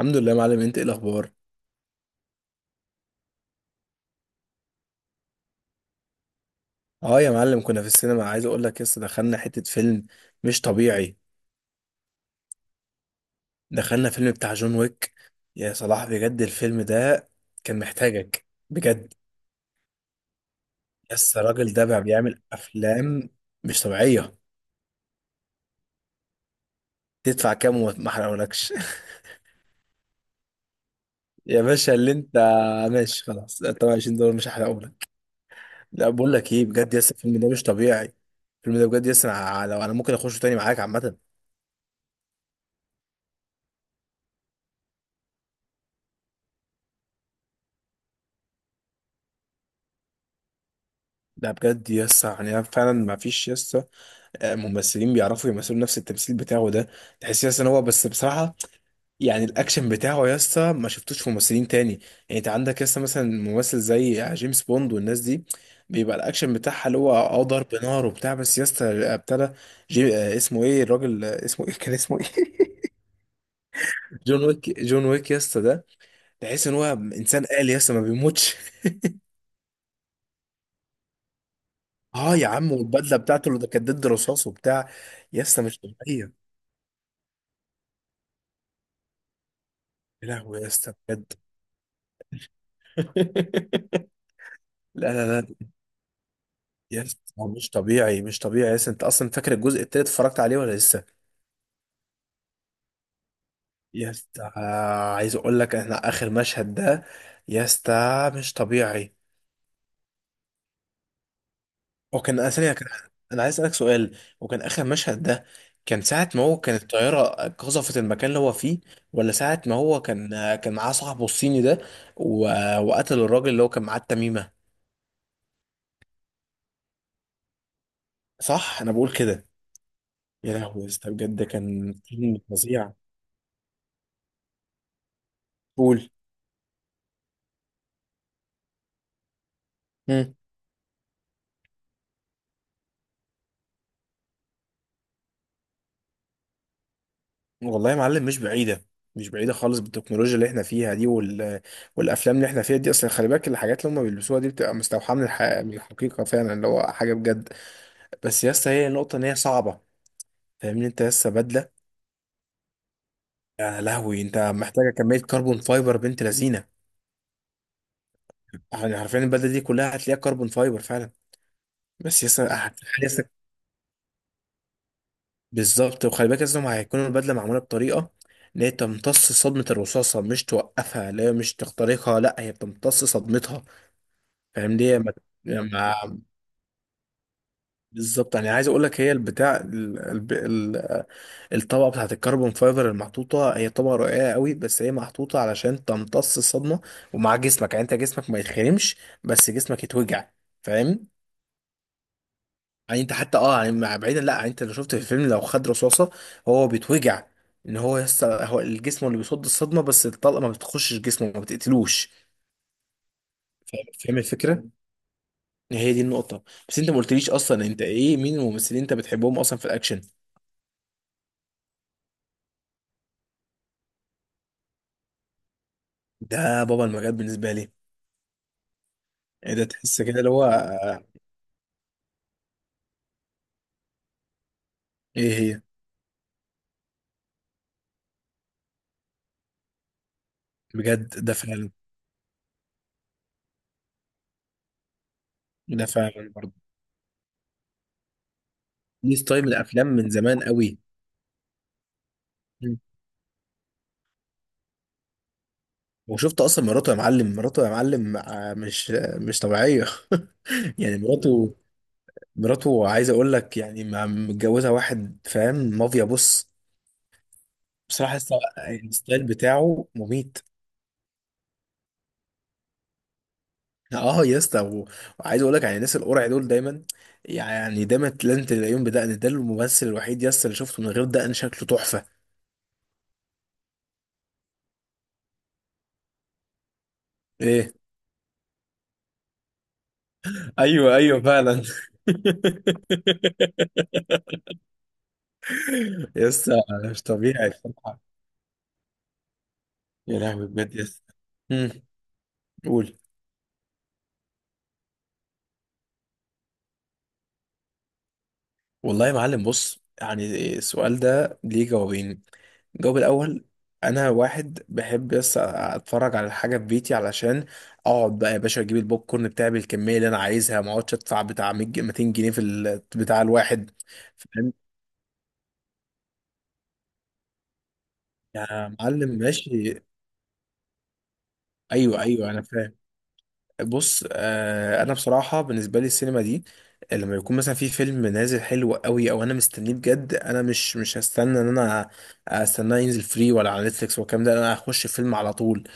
الحمد لله يا معلم، انت ايه الاخبار؟ اه يا معلم، كنا في السينما. عايز اقول لك لسه دخلنا حتة فيلم مش طبيعي. دخلنا فيلم بتاع جون ويك. يا صلاح بجد الفيلم ده كان محتاجك بجد. بس الراجل ده بقى بيعمل افلام مش طبيعية. تدفع كام وما احرقهولكش؟ يا باشا اللي انت، ماشي خلاص 23 دولار مش هحرقهولك. لا بقول لك ايه بجد يس، الفيلم ده مش طبيعي. الفيلم ده بجد يس، انا لو انا ممكن اخشه تاني معاك عامة. لا بجد يس، يعني أنا فعلا ما فيش يس ممثلين بيعرفوا يمثلوا نفس التمثيل بتاعه ده. تحس يا اسطى ان هو بس بصراحه، يعني الاكشن بتاعه يا اسطى ما شفتوش في ممثلين تاني. يعني انت عندك يا اسطى مثلا ممثل زي جيمس بوند والناس دي، بيبقى الاكشن بتاعها اللي هو اه ضرب نار وبتاع. بس يا اسطى ابتدى جي... آه، اسمه ايه الراجل، اسمه ايه كان اسمه ايه؟ جون ويك، جون ويك يا اسطى ده تحس ان هو انسان آلي يا اسطى ما بيموتش. اه يا عم، والبدله بتاعته اللي كانت ضد رصاص وبتاع، يا اسطى مش طبيعيه. يا لهوي يا اسطى بجد. لا لا لا، يس هو مش طبيعي، مش طبيعي يس. انت اصلا فاكر الجزء التالت اتفرجت عليه ولا لسه؟ يس، عايز اقول لك احنا اخر مشهد ده يس ده مش طبيعي. وكان ثانية كان، انا عايز اسالك سؤال. وكان اخر مشهد ده، كان ساعة ما هو كان الطيارة قذفت المكان اللي هو فيه، ولا ساعة ما هو كان كان معاه صاحبه الصيني ده و... وقتل الراجل اللي هو كان معاه التميمة. صح؟ انا بقول كده. يا لهوي يا اسطى بجد كان فيلم فظيع. قول. والله يا معلم مش بعيدة، مش بعيدة خالص بالتكنولوجيا اللي احنا فيها دي والأفلام اللي احنا فيها دي أصلا. خلي بالك الحاجات اللي هم بيلبسوها دي بتبقى مستوحاة من من الحقيقة فعلا، اللي هو حاجة بجد. بس يا اسطى هي النقطة إن هي صعبة. فاهمني أنت؟ لسه بدلة، يا لهوي أنت محتاجة كمية كربون فايبر بنت لذينة. يعني حرفيا البدلة دي كلها هتلاقيها كربون فايبر فعلا. بس يا اسطى هتلاقي نفسك- بالظبط. وخلي بالك لازم هيكون البدلة معمولة بطريقة ان هي تمتص صدمة الرصاصة، مش توقفها لا، مش تخترقها لا، هي بتمتص صدمتها. فاهم؟ دي ما- يعني ما- بالظبط. يعني عايز اقول لك هي البتاع الطبقه بتاعت الكربون فايبر المحطوطه، هي طبقه رقيقه قوي بس هي محطوطه علشان تمتص الصدمه. ومع جسمك، يعني انت جسمك ما يتخرمش، بس جسمك يتوجع. فاهم؟ يعني انت حتى اه يعني بعيدا، لا يعني انت لو شفت في الفيلم لو خد رصاصه هو بيتوجع. ان هو يس هو الجسم اللي بيصد الصدمه، بس الطلقه ما بتخشش جسمه، ما بتقتلوش. فاهم؟ فاهم الفكره، هي دي النقطة. بس انت ما قلتليش اصلا انت ايه، مين الممثلين انت بتحبهم اصلا في الاكشن؟ ده بابا المجال بالنسبة لي. ايه ده، تحس كده اللي هو، ايه هي؟ بجد ده فعلا. ده فعلا برضه. ليه ستايل من الافلام من زمان قوي. مم. وشفت اصلا مراته يا معلم؟ مراته يا معلم مش مش طبيعية يعني مراته. مراته عايز اقول لك يعني متجوزة واحد فاهم مافيا. بص بصراحة الستايل بتاعه مميت. اه يا اسطى وعايز اقول لك يعني الناس القرع دول دايما، يعني دايما لازم تلاقيهم بدقن. ده الممثل الوحيد يا اسطى اللي شفته من غير دقن شكله تحفه. ايه؟ ايوه ايوه فعلا. يا اسطى مش طبيعي بصراحه. يا لهوي بجد يا اسطى. امم. قول. والله يا معلم بص، يعني السؤال ده ليه جوابين. الجواب الاول، انا واحد بحب بس اتفرج على الحاجه في بيتي، علشان اقعد بقى يا باشا اجيب البوب كورن بتاعي بالكميه اللي انا عايزها، ما اقعدش ادفع بتاع 100 جنيه- 200 جنيه في بتاع الواحد. فاهم يا معلم؟ ماشي. ايوه ايوه انا فاهم. بص آه انا بصراحه بالنسبه لي السينما دي، لما يكون مثلا في فيلم نازل حلو قوي او انا مستنيه بجد، انا مش هستنى ان انا استناه ينزل فري ولا على نتفليكس والكلام ده، انا هخش فيلم على طول.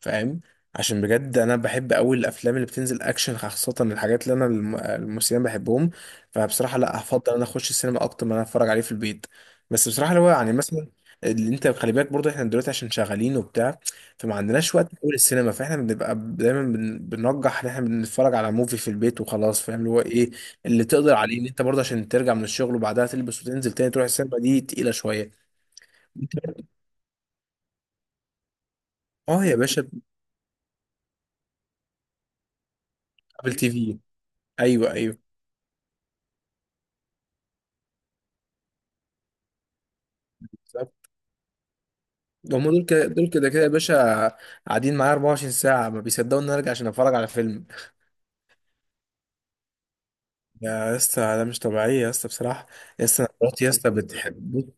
فاهم؟ عشان بجد انا بحب قوي الافلام اللي بتنزل اكشن خاصه الحاجات اللي انا الممثلين بحبهم. فبصراحه لا، هفضل ان انا اخش السينما اكتر من ان انا اتفرج عليه في البيت. بس بصراحه اللي هو يعني مثلا، اللي انت خلي بالك برضه احنا دلوقتي عشان شغالين وبتاع، فما عندناش وقت نقول السينما. فاحنا بنبقى دايما بنرجح ان احنا بنتفرج على موفي في البيت وخلاص. فاهم اللي هو ايه اللي تقدر عليه ان انت برضه؟ عشان ترجع من الشغل وبعدها تلبس وتنزل تاني تروح السينما دي تقيلة شوية. اه يا باشا. ابل تي في. ايوه ايوه بالظبط. هم دول كده، دول كده كده يا باشا قاعدين معايا 24 ساعة ما بيصدقوا ان انا ارجع عشان اتفرج على فيلم. يا اسطى ده مش طبيعية يا اسطى بصراحة. يا اسطى أنا مراتي يا اسطى بتحب.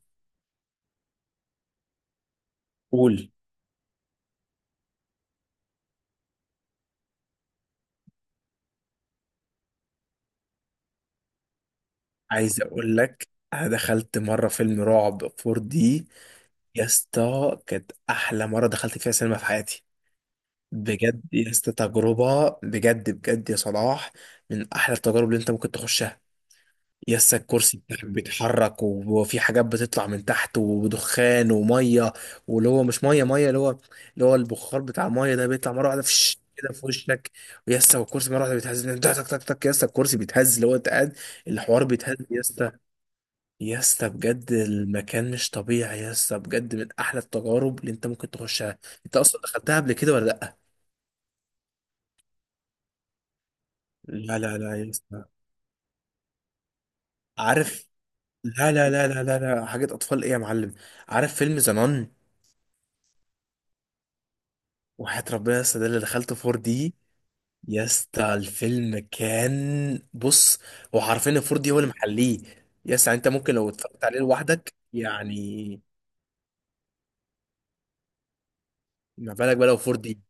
قول. عايز اقول لك، انا دخلت مرة فيلم رعب 4 دي. يا اسطى كانت احلى مره دخلت فيها سينما في حياتي. بجد يا اسطى تجربه بجد بجد يا صلاح، من احلى التجارب اللي انت ممكن تخشها. يا اسطى الكرسي بتاعك بيتحرك، وفي حاجات بتطلع من تحت، ودخان وميه، واللي هو مش ميه ميه، اللي هو اللي هو البخار بتاع الميه ده، بيطلع مره واحده فش كده في وشك. ويا اسطى والكرسي مره واحده بيتهز تك تك تك تك. يا اسطى الكرسي بيتهز اللي هو انت قاعد، الحوار بيتهز يا اسطى. يا اسطى بجد المكان مش طبيعي يا اسطى بجد، من احلى التجارب اللي انت ممكن تخشها. انت اصلا دخلتها قبل كده ولا لا؟ لا لا لا يا اسطى. عارف، لا لا لا لا لا لا، حاجة أطفال إيه يا معلم؟ عارف فيلم زنان؟ وحياة ربنا يا اسطى ده اللي دخلته 4 دي. يا اسطى الفيلم كان بص، هو حرفيا 4 دي هو اللي محليه. يا اسطى يعني أنت ممكن لو اتفرجت عليه لوحدك يعني، ما بالك بقى لو 4 دي؟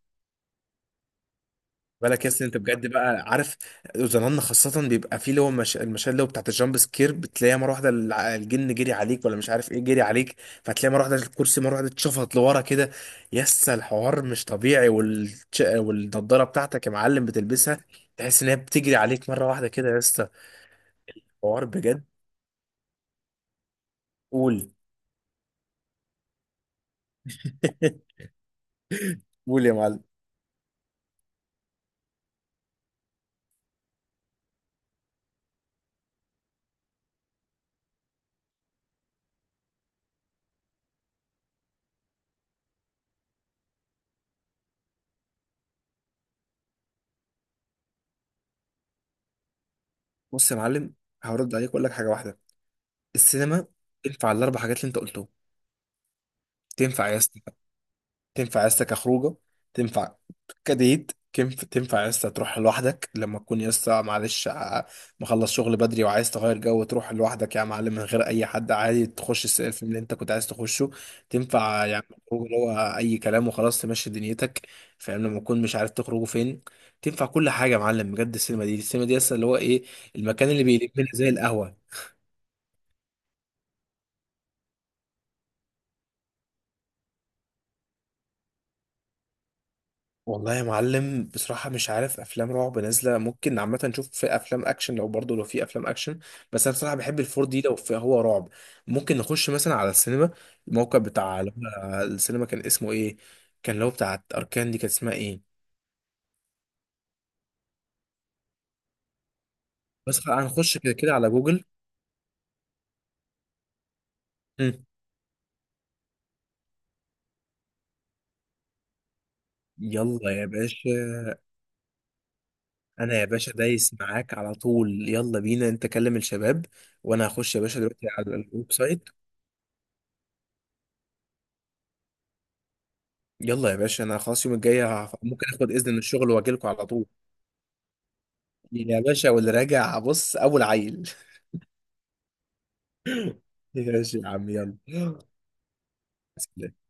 بالك يا اسطى انت بجد بقى عارف، زمان خاصة بيبقى فيه اللي هو المشاهد اللي هو بتاعت الجامب سكير، بتلاقيها مرة واحدة الجن جري عليك ولا مش عارف ايه جري عليك. فتلاقي مرة واحدة الكرسي مرة واحدة اتشفط لورا كده. يا اسطى الحوار مش طبيعي والنضارة بتاعتك يا معلم بتلبسها، تحس ان هي بتجري عليك مرة واحدة كده يا اسطى. حوار بجد. قول. قول يا معلم. بص يا معلم هرد عليك واقول لك حاجة واحدة. السينما تنفع الاربع حاجات اللي انت قلتهم. تنفع يا اسطى، تنفع عيلتك كخروجه، تنفع كديت تنفع عيلتك، تروح لوحدك لما تكون لسه معلش مخلص شغل بدري وعايز تغير جو، تروح لوحدك يا معلم من غير اي حد عادي، تخش الفيلم اللي انت كنت عايز تخشه. تنفع يعني خروج اللي هو اي كلام وخلاص تمشي دنيتك، فاهم، لما تكون مش عارف تخرجوا فين. تنفع كل حاجه يا معلم بجد. السينما دي، السينما دي لسه اللي هو ايه، المكان اللي بيلمنا زي القهوه. والله يا معلم بصراحة مش عارف، أفلام رعب نازلة ممكن عامة، نشوف في أفلام أكشن لو برضه لو في أفلام أكشن. بس أنا بصراحة بحب الفور دي لو في هو رعب. ممكن نخش مثلا على السينما، الموقع بتاع اللي هو السينما، كان اسمه إيه؟ كان اللي هو بتاعت أركان دي، كانت اسمها إيه؟ بس خلاص هنخش كده كده على جوجل. مم. يلا يا باشا. أنا يا باشا دايس معاك على طول، يلا بينا، أنت كلم الشباب وأنا هخش يا باشا دلوقتي على الويب سايت. يلا يا باشا. أنا خلاص يوم الجاي ممكن آخد إذن من الشغل وأجيلكوا على طول. يا باشا واللي راجع بص أول عيل. ماشي يا عم. يلا.